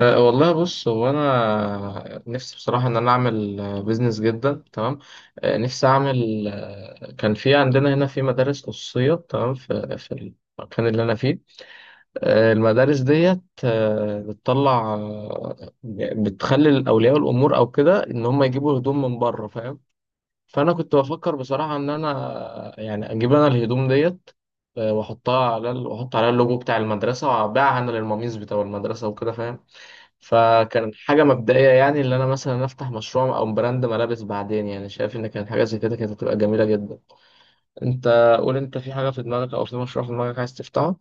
والله بص هو انا نفسي بصراحه ان انا اعمل بيزنس، جدا تمام. نفسي اعمل. كان في عندنا هنا في مدارس خصوصيه، تمام، في في المكان اللي انا فيه. المدارس ديت بتطلع، بتخلي اولياء الامور او كده ان هم يجيبوا هدوم من بره، فاهم. فانا كنت بفكر بصراحه ان انا يعني اجيب انا الهدوم ديت، واحطها على واحط عليها اللوجو بتاع المدرسه وابيعها انا للمميز بتاع المدرسه وكده، فاهم. فكان حاجة مبدئية، يعني اللي أنا مثلا أفتح مشروع أو براند ملابس بعدين، يعني شايف إن كانت حاجة زي كده كانت هتبقى جميلة جدا. أنت قول، أنت في حاجة في دماغك أو في مشروع في دماغك عايز تفتحه؟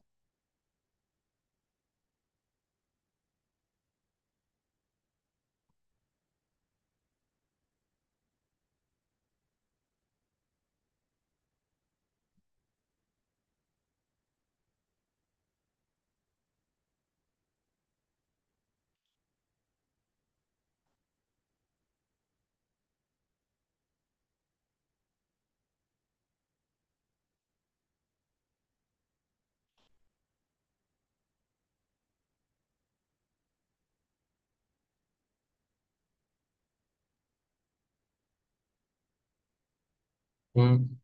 مم.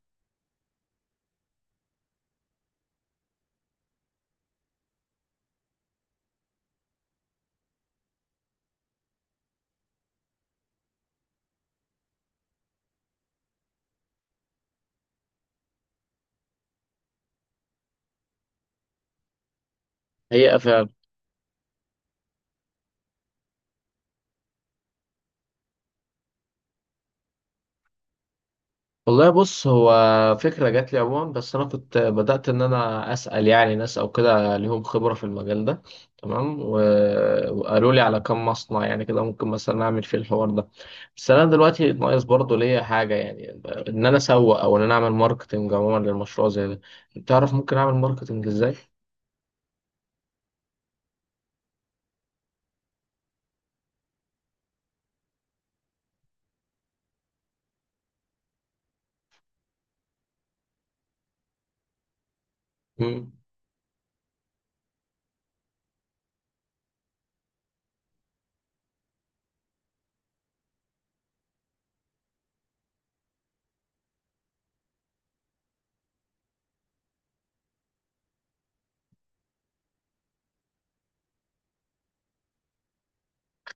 هي. والله بص هو فكرة جات لي عموما، بس أنا كنت بدأت إن أنا أسأل يعني ناس أو كده ليهم خبرة في المجال ده، تمام، وقالوا لي على كم مصنع، يعني كده ممكن مثلا أعمل فيه الحوار ده. بس أنا دلوقتي ناقص برضه ليا حاجة، يعني إن أنا أسوق أو إن أنا أعمل ماركتينج عموما للمشروع زي ده. تعرف ممكن أعمل ماركتينج إزاي؟ مم.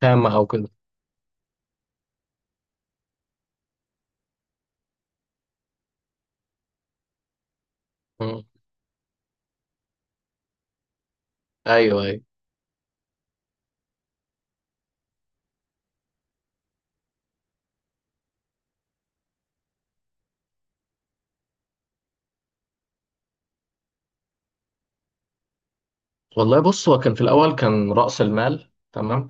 خامة أو كده. مم. أيوه أيوه. والله بص هو كان في الأول كان رأس المال، تمام.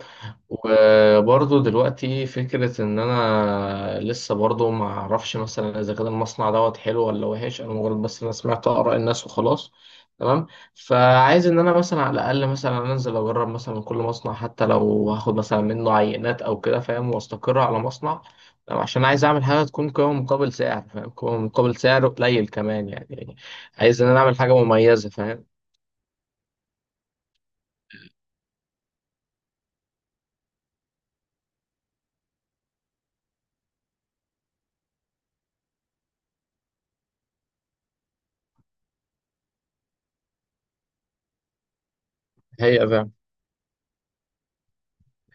وبرضه دلوقتي فكرة إن أنا لسه برضه ما أعرفش مثلا إذا كان المصنع دوت حلو ولا وحش، أنا مجرد بس أنا سمعت آراء الناس وخلاص، تمام. فعايز إن أنا مثلا على الأقل مثلا أنزل أجرب مثلا من كل مصنع، حتى لو هاخد مثلا منه عينات أو كده، فاهم، وأستقر على مصنع، تمام؟ عشان عايز أعمل حاجة تكون قيمة مقابل سعر، فاهم، قيمة مقابل سعر قليل كمان، يعني عايز إن أنا أعمل حاجة مميزة، فاهم. هي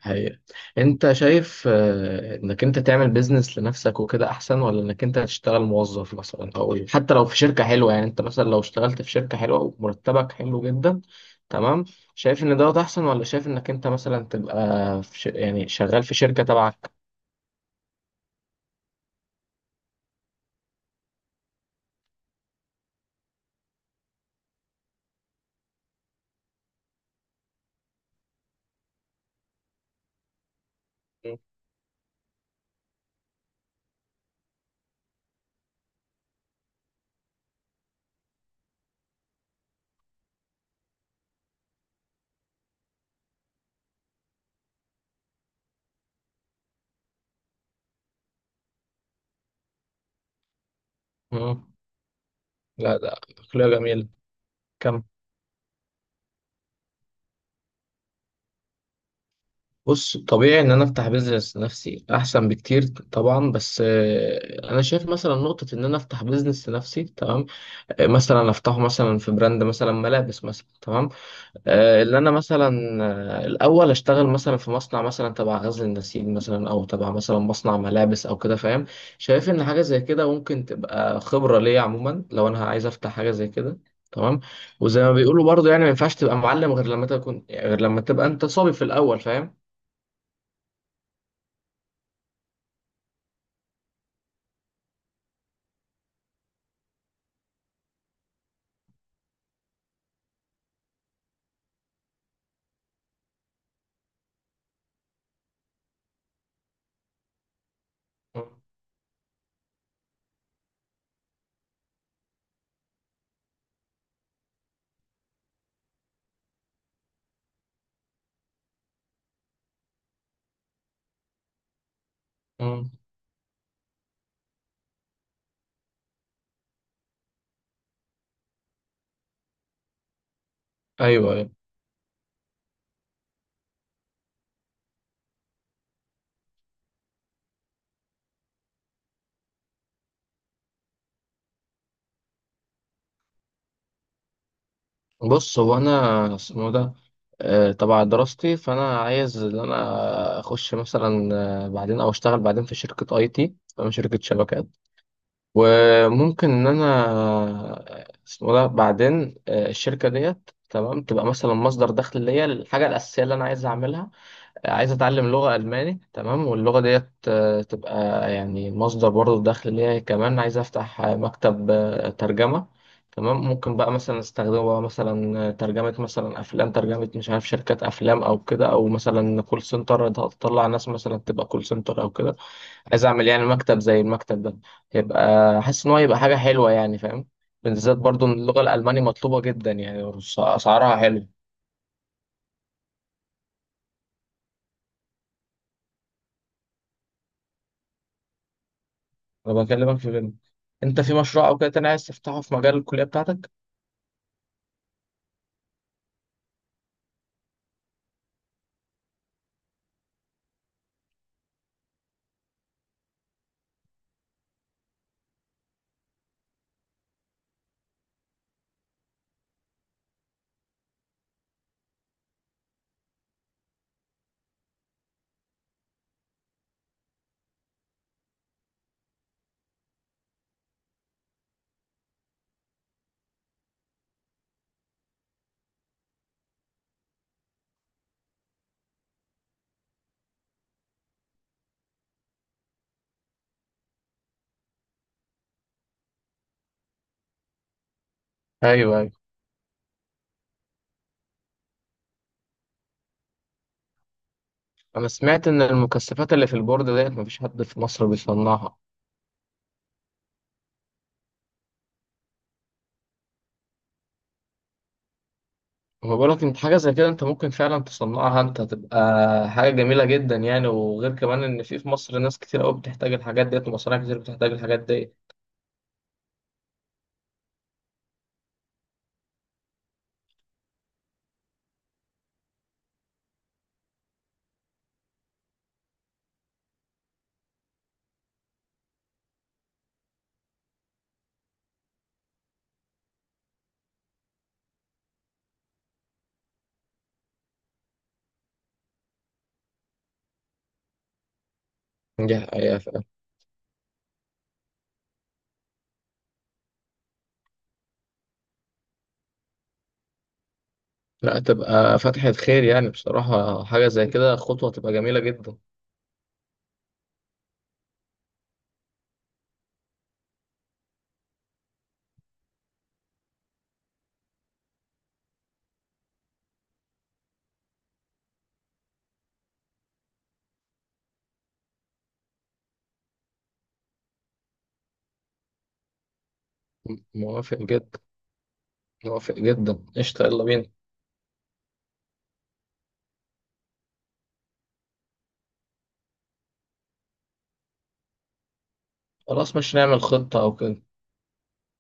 حقيقة. انت شايف انك انت تعمل بيزنس لنفسك وكده احسن، ولا انك انت تشتغل موظف مثلا، او حتى لو في شركة حلوة، يعني انت مثلا لو اشتغلت في شركة حلوة ومرتبك حلو جدا، تمام، شايف ان دوت احسن، ولا شايف انك انت مثلا تبقى في يعني شغال في شركة تبعك؟ مم. لا ده عقلية جميلة. كم بص طبيعي ان انا افتح بيزنس لنفسي احسن بكتير طبعا، بس انا شايف مثلا نقطة ان انا افتح بيزنس لنفسي، تمام، مثلا افتحه مثلا في براند مثلا ملابس مثلا، تمام. اللي انا مثلا الاول اشتغل مثلا في مصنع مثلا تبع غزل النسيج مثلا، او تبع مثلا مصنع ملابس او كده، فاهم. شايف ان حاجه زي كده ممكن تبقى خبره ليا عموما لو انا عايز افتح حاجه زي كده، تمام. وزي ما بيقولوا برضه يعني ما ينفعش تبقى معلم غير لما تبقى انت صبي في الاول، فاهم. مم. ايوه أيوه. بص هو انا اسمه ده تبع دراستي، فانا عايز ان انا اخش مثلا بعدين او اشتغل بعدين في شركه اي تي، فاهم، شركه شبكات. وممكن ان انا اسمه ده بعدين الشركه ديت تمام تبقى مثلا مصدر دخل ليا، الحاجه الاساسيه اللي انا عايز اعملها. عايز اتعلم لغة الماني، تمام، واللغة ديت تبقى يعني مصدر برضه دخل ليا. كمان عايز افتح مكتب ترجمة، تمام، ممكن بقى مثلا استخدمه بقى مثلا ترجمة مثلا افلام، ترجمة مش عارف شركات افلام او كده، او مثلا كول سنتر، تطلع ناس مثلا تبقى كول سنتر او كده. عايز اعمل يعني مكتب زي المكتب ده، يبقى حاسس ان هو يبقى حاجة حلوة، يعني، فاهم. بالذات برضه ان اللغة الالماني مطلوبة جدا، يعني اسعارها حلوة. انا بكلمك في فيلم. انت في مشروع او كده تاني عايز تفتحه في مجال الكلية بتاعتك؟ ايوه ايوه. انا سمعت ان المكثفات اللي في البورد ديت مفيش حد في مصر بيصنعها. وما بقولك انت حاجه زي كده انت ممكن فعلا تصنعها، انت هتبقى حاجه جميله جدا يعني. وغير كمان ان في في مصر ناس كتير قوي بتحتاج الحاجات ديت، ومصانع كتير بتحتاج الحاجات ديت. دي حقيقة فعلا. لا تبقى فتحة خير، يعني بصراحة حاجة زي كده خطوة تبقى جميلة جدا. موافق جدا، موافق جدا، قشطة، يلا بينا. خلاص، مش نعمل خطة أو كده.